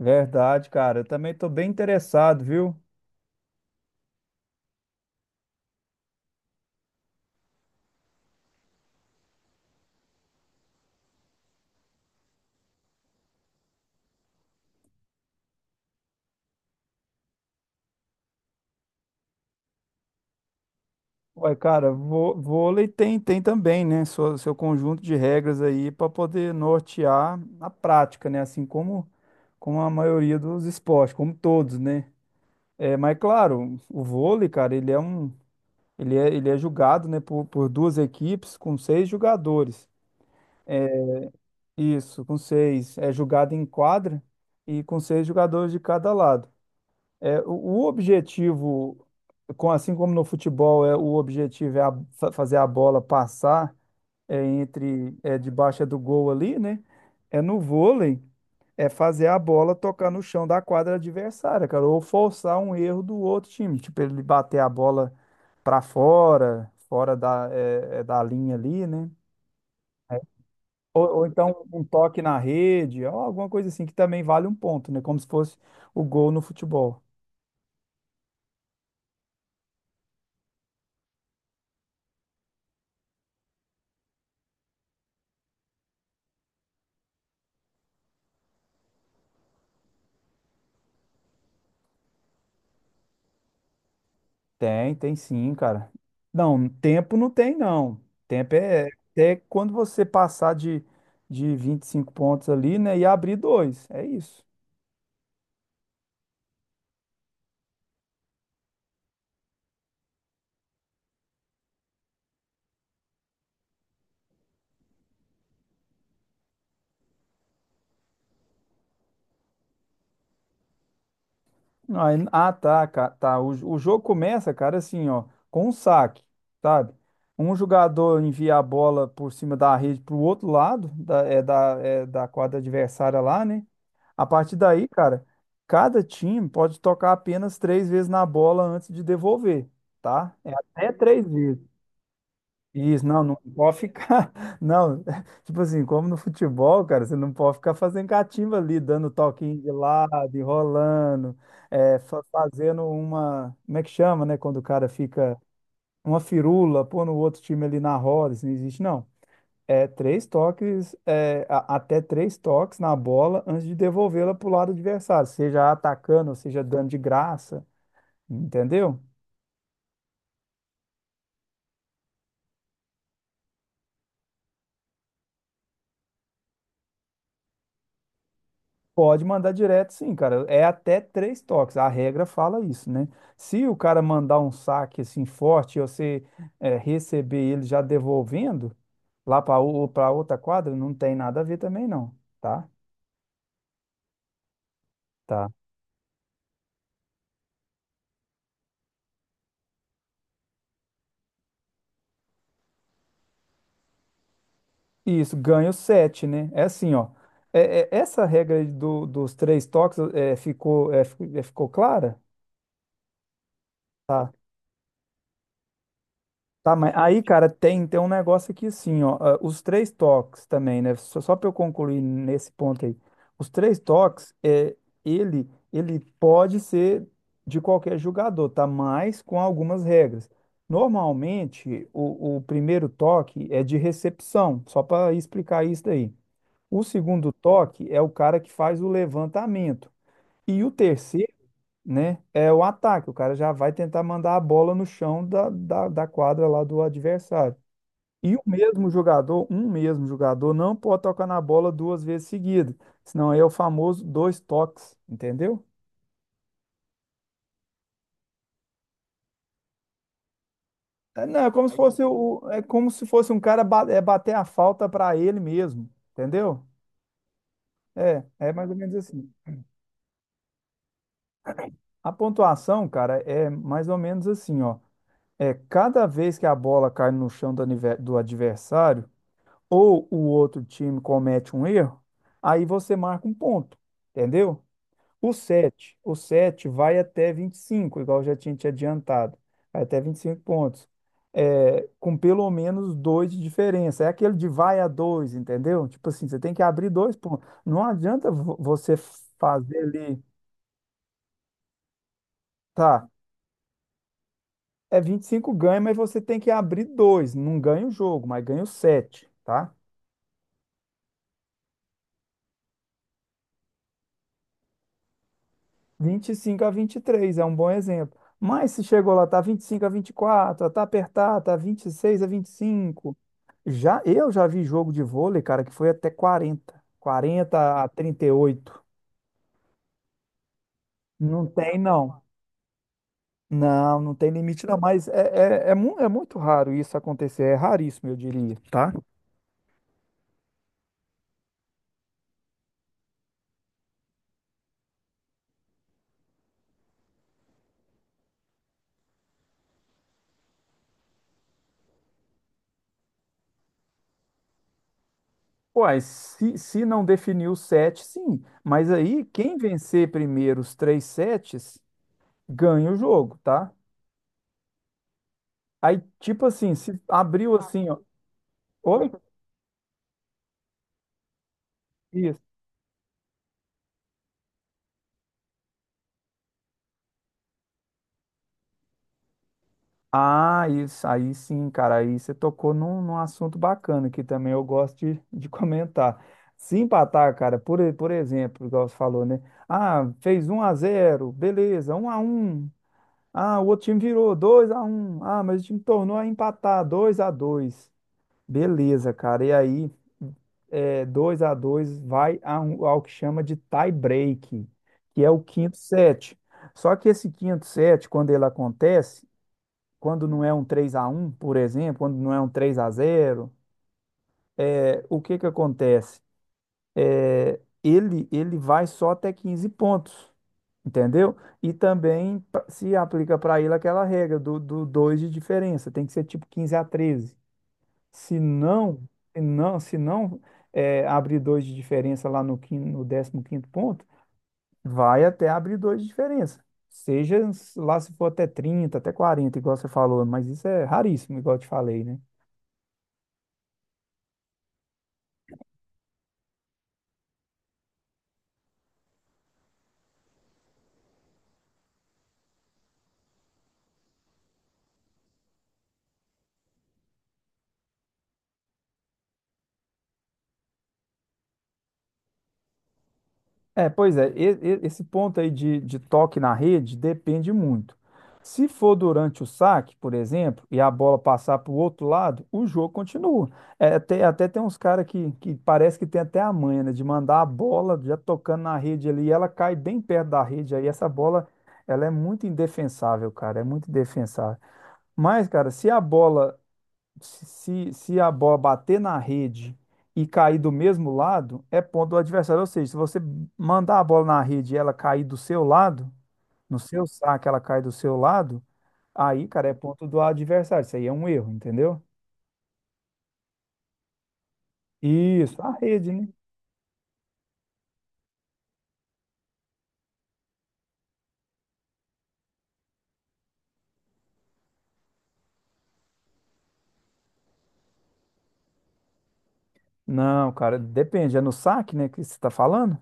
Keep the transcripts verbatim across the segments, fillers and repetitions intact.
Verdade, cara. Eu também tô bem interessado, viu? Uai, cara, vô- vôlei tem, tem também, né? Seu, seu conjunto de regras aí para poder nortear na prática, né? Assim como, como a maioria dos esportes, como todos, né? É, mas claro, o vôlei, cara, ele é um, ele é, ele é jogado, né, por, por duas equipes com seis jogadores. Isso, com seis. É jogado em quadra e com seis jogadores de cada lado. É, o o objetivo, com- assim como no futebol, é, o objetivo é a- fa- fazer a bola passar, é, entre, é, debaixo é do gol ali, né? É no vôlei, é fazer a bola tocar no chão da quadra adversária, cara, ou forçar um erro do outro time, tipo ele bater a bola para fora, fora da, é, é, da linha ali, né? Ou, ou então um toque na rede, ou alguma coisa assim que também vale um ponto, né? Como se fosse o gol no futebol. Tem, tem sim, cara. Não, tempo não tem, não. Tempo é até quando você passar de, de vinte e cinco pontos ali, né? E abrir dois. É isso. Aí- Ah, tá, cara. Tá. O, o jogo começa, cara, assim, ó, com um saque, sabe? Um jogador envia a bola por cima da rede pro outro lado, da, é, da, é da quadra adversária lá, né? A partir daí, cara, cada time pode tocar apenas três vezes na bola antes de devolver, tá? É até três vezes. Isso, não, não pode ficar. Não, tipo assim, como no futebol, cara, você não pode ficar fazendo catimba ali, dando toquinho de lado, enrolando, é, fa- fazendo uma. Como é que chama, né? Quando o cara fica uma firula, pô, no outro time ali na roda, isso não existe, não. É três toques, é, a- até três toques na bola antes de devolvê-la pro lado adversário, seja atacando, seja dando de graça, entendeu? Pode mandar direto, sim, cara. É até três toques. A regra fala isso, né? Se o cara mandar um saque assim forte e você eh, receber ele já devolvendo lá para outra quadra, não tem nada a ver também, não, tá? Tá. Isso, ganho sete, né? É assim, ó. É, é- essa regra aí do, dos três toques eh, ficou, eh, fi- eh, ficou clara? Tá, mas aí, cara, tem, tem um negócio aqui assim, ó. ah, Os três toques também, né? Só, só para eu concluir nesse ponto aí. Os três toques, é, ele, ele pode ser de qualquer jogador, tá? Mas com algumas regras. Normalmente, o, o primeiro toque é de recepção, só para explicar isso daí. O segundo toque é o cara que faz o levantamento. E o terceiro, né? É o ataque. O cara já vai tentar mandar a bola no chão da, da, da quadra lá do adversário. E o mesmo jogador, um mesmo jogador, não pode tocar na bola duas vezes seguidas. Senão aí é o famoso dois toques, entendeu? É, não, é como se fosse o, é como se fosse um cara ba- é, bater a falta para ele mesmo, entendeu? É, é mais ou menos assim. A pontuação, cara, é mais ou menos assim, ó. É cada vez que a bola cai no chão do anive- do adversário ou o outro time comete um erro, aí você marca um ponto, entendeu? O sete, o sete vai até vinte e cinco, igual eu já tinha te adiantado, vai até vinte e cinco pontos, é, com pelo menos dois de diferença. É aquele de vai a dois, entendeu? Tipo assim, você tem que abrir dois pontos. Não adianta vo- você fazer ali, tá? É vinte e cinco ganha, mas você tem que abrir dois. Não ganha o jogo, mas ganha o sete, tá? Vinte e cinco a vinte e três é um bom exemplo. Mas se chegou lá, tá vinte e cinco a vinte e quatro, tá apertado, tá vinte e seis a vinte e cinco. Já, eu já vi jogo de vôlei, cara, que foi até quarenta quarenta a trinta e oito. Não tem não. Não, não tem limite, não, mas é, é, é, mu- é muito raro isso acontecer, é raríssimo, eu diria, tá? Uai, se, se não definir os sete, sim. Mas aí, quem vencer primeiro os três sets, ganha o jogo, tá? Aí, tipo assim, se abriu assim. Oi? Isso. Ah, isso. Aí sim, cara. Aí você tocou num, num assunto bacana que também eu gosto de, de comentar. Se empatar, cara, por, e- por exemplo, igual você falou, né? Ah, fez um a zero, beleza. Um a um. Ah, o outro time virou dois a um. Ah, mas o time tornou a empatar dois a dois. Beleza, cara. E aí, é, dois a dois vai a, um- ao que chama de tie break, que é o quinto set. Só que esse quinto set, quando ele acontece, quando não é um três a um, por exemplo, quando não é um três a zero, é, o que que acontece? Ele ele vai só até quinze pontos, entendeu? E também pa- se aplica para ele aquela regra do, do dois de diferença, tem que ser tipo quinze a treze. Se não, se não, se não é, abrir dois de diferença lá no, quin- no décimo quinto ponto, vai até abrir dois de diferença. Seja lá se for até trinta, até quarenta, igual você falou, mas isso é raríssimo, igual eu te falei, né? É, pois é, e- e- esse ponto aí de, de toque na rede depende muito. Se for durante o saque, por exemplo, e a bola passar para o outro lado, o jogo continua. É, até, até tem uns caras que, que parece que tem até a manha, né, de mandar a bola já tocando na rede ali, e ela cai bem perto da rede, aí essa bola, ela é muito indefensável, cara, é muito indefensável. Mas, cara, se a bola, se, se se a bola bater na rede e cair do mesmo lado, é ponto do adversário. Ou seja, se você mandar a bola na rede e ela cair do seu lado, no seu saque ela cai do seu lado, aí, cara, é ponto do adversário. Isso aí é um erro, entendeu? Isso, a rede, né? Não, cara, depende. É no saque, né, que você tá falando?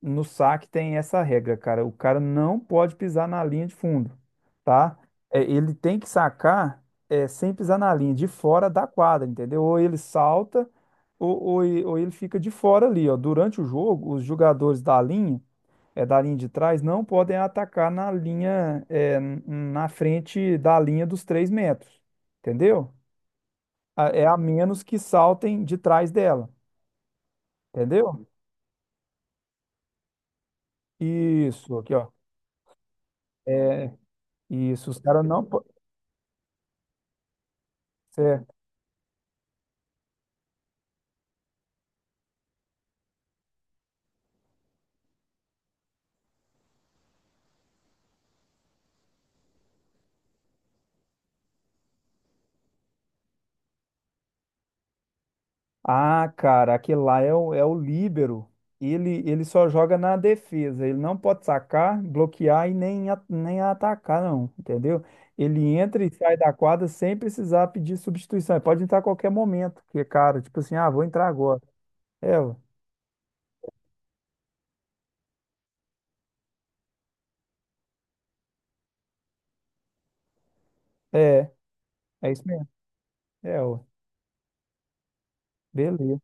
No saque tem essa regra, cara. O cara não pode pisar na linha de fundo, tá? É, ele tem que sacar, é, sem pisar na linha, de fora da quadra, entendeu? Ou ele salta, ou, ou, e- ou ele fica de fora ali, ó. Durante o jogo, os jogadores da linha, é, da linha de trás, não podem atacar na linha, é, n- na frente da linha dos três metros, entendeu? A- É a menos que saltem de trás dela, entendeu? Isso, aqui, ó. Isso, os caras não podem. Ah, cara, aquele lá é o, é o líbero. Ele, ele só joga na defesa. Ele não pode sacar, bloquear e nem, a- nem atacar, não. Entendeu? Ele entra e sai da quadra sem precisar pedir substituição. Ele pode entrar a qualquer momento. Porque, cara, tipo assim, ah, vou entrar agora. É, ué. é, é isso mesmo. É, ué. Beleza.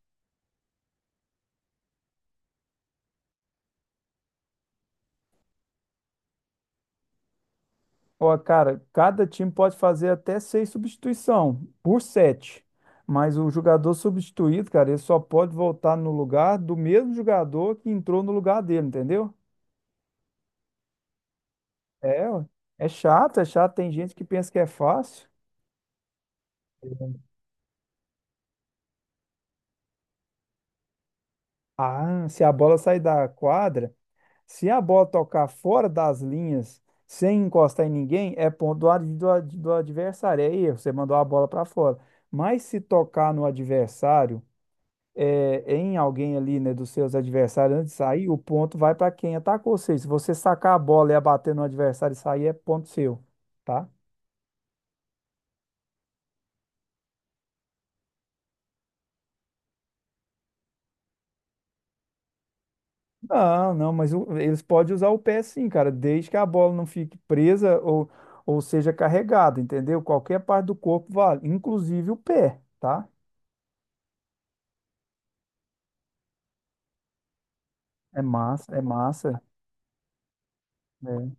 Ó, cara, cada time pode fazer até seis substituição por sete. Mas o jogador substituído, cara, ele só pode voltar no lugar do mesmo jogador que entrou no lugar dele, entendeu? É, ó, é chato, é chato. Tem gente que pensa que é fácil. Ah, se a bola sair da quadra, se a bola tocar fora das linhas, sem encostar em ninguém, é ponto do, ad- do ad- do adversário, é erro, você mandou a bola para fora. Mas se tocar no adversário, é, em alguém ali, né, dos seus adversários antes de sair, o ponto vai para quem atacou. Ou seja, se você sacar a bola e abater no adversário e sair, é ponto seu, tá? Não, não, mas o- eles podem usar o pé, sim, cara, desde que a bola não fique presa ou, ou seja carregada, entendeu? Qualquer parte do corpo vale, inclusive o pé, tá? É massa, é massa. Né?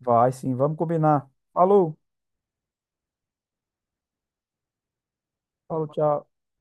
Vai, sim, vamos combinar. Falou, falou, tchau.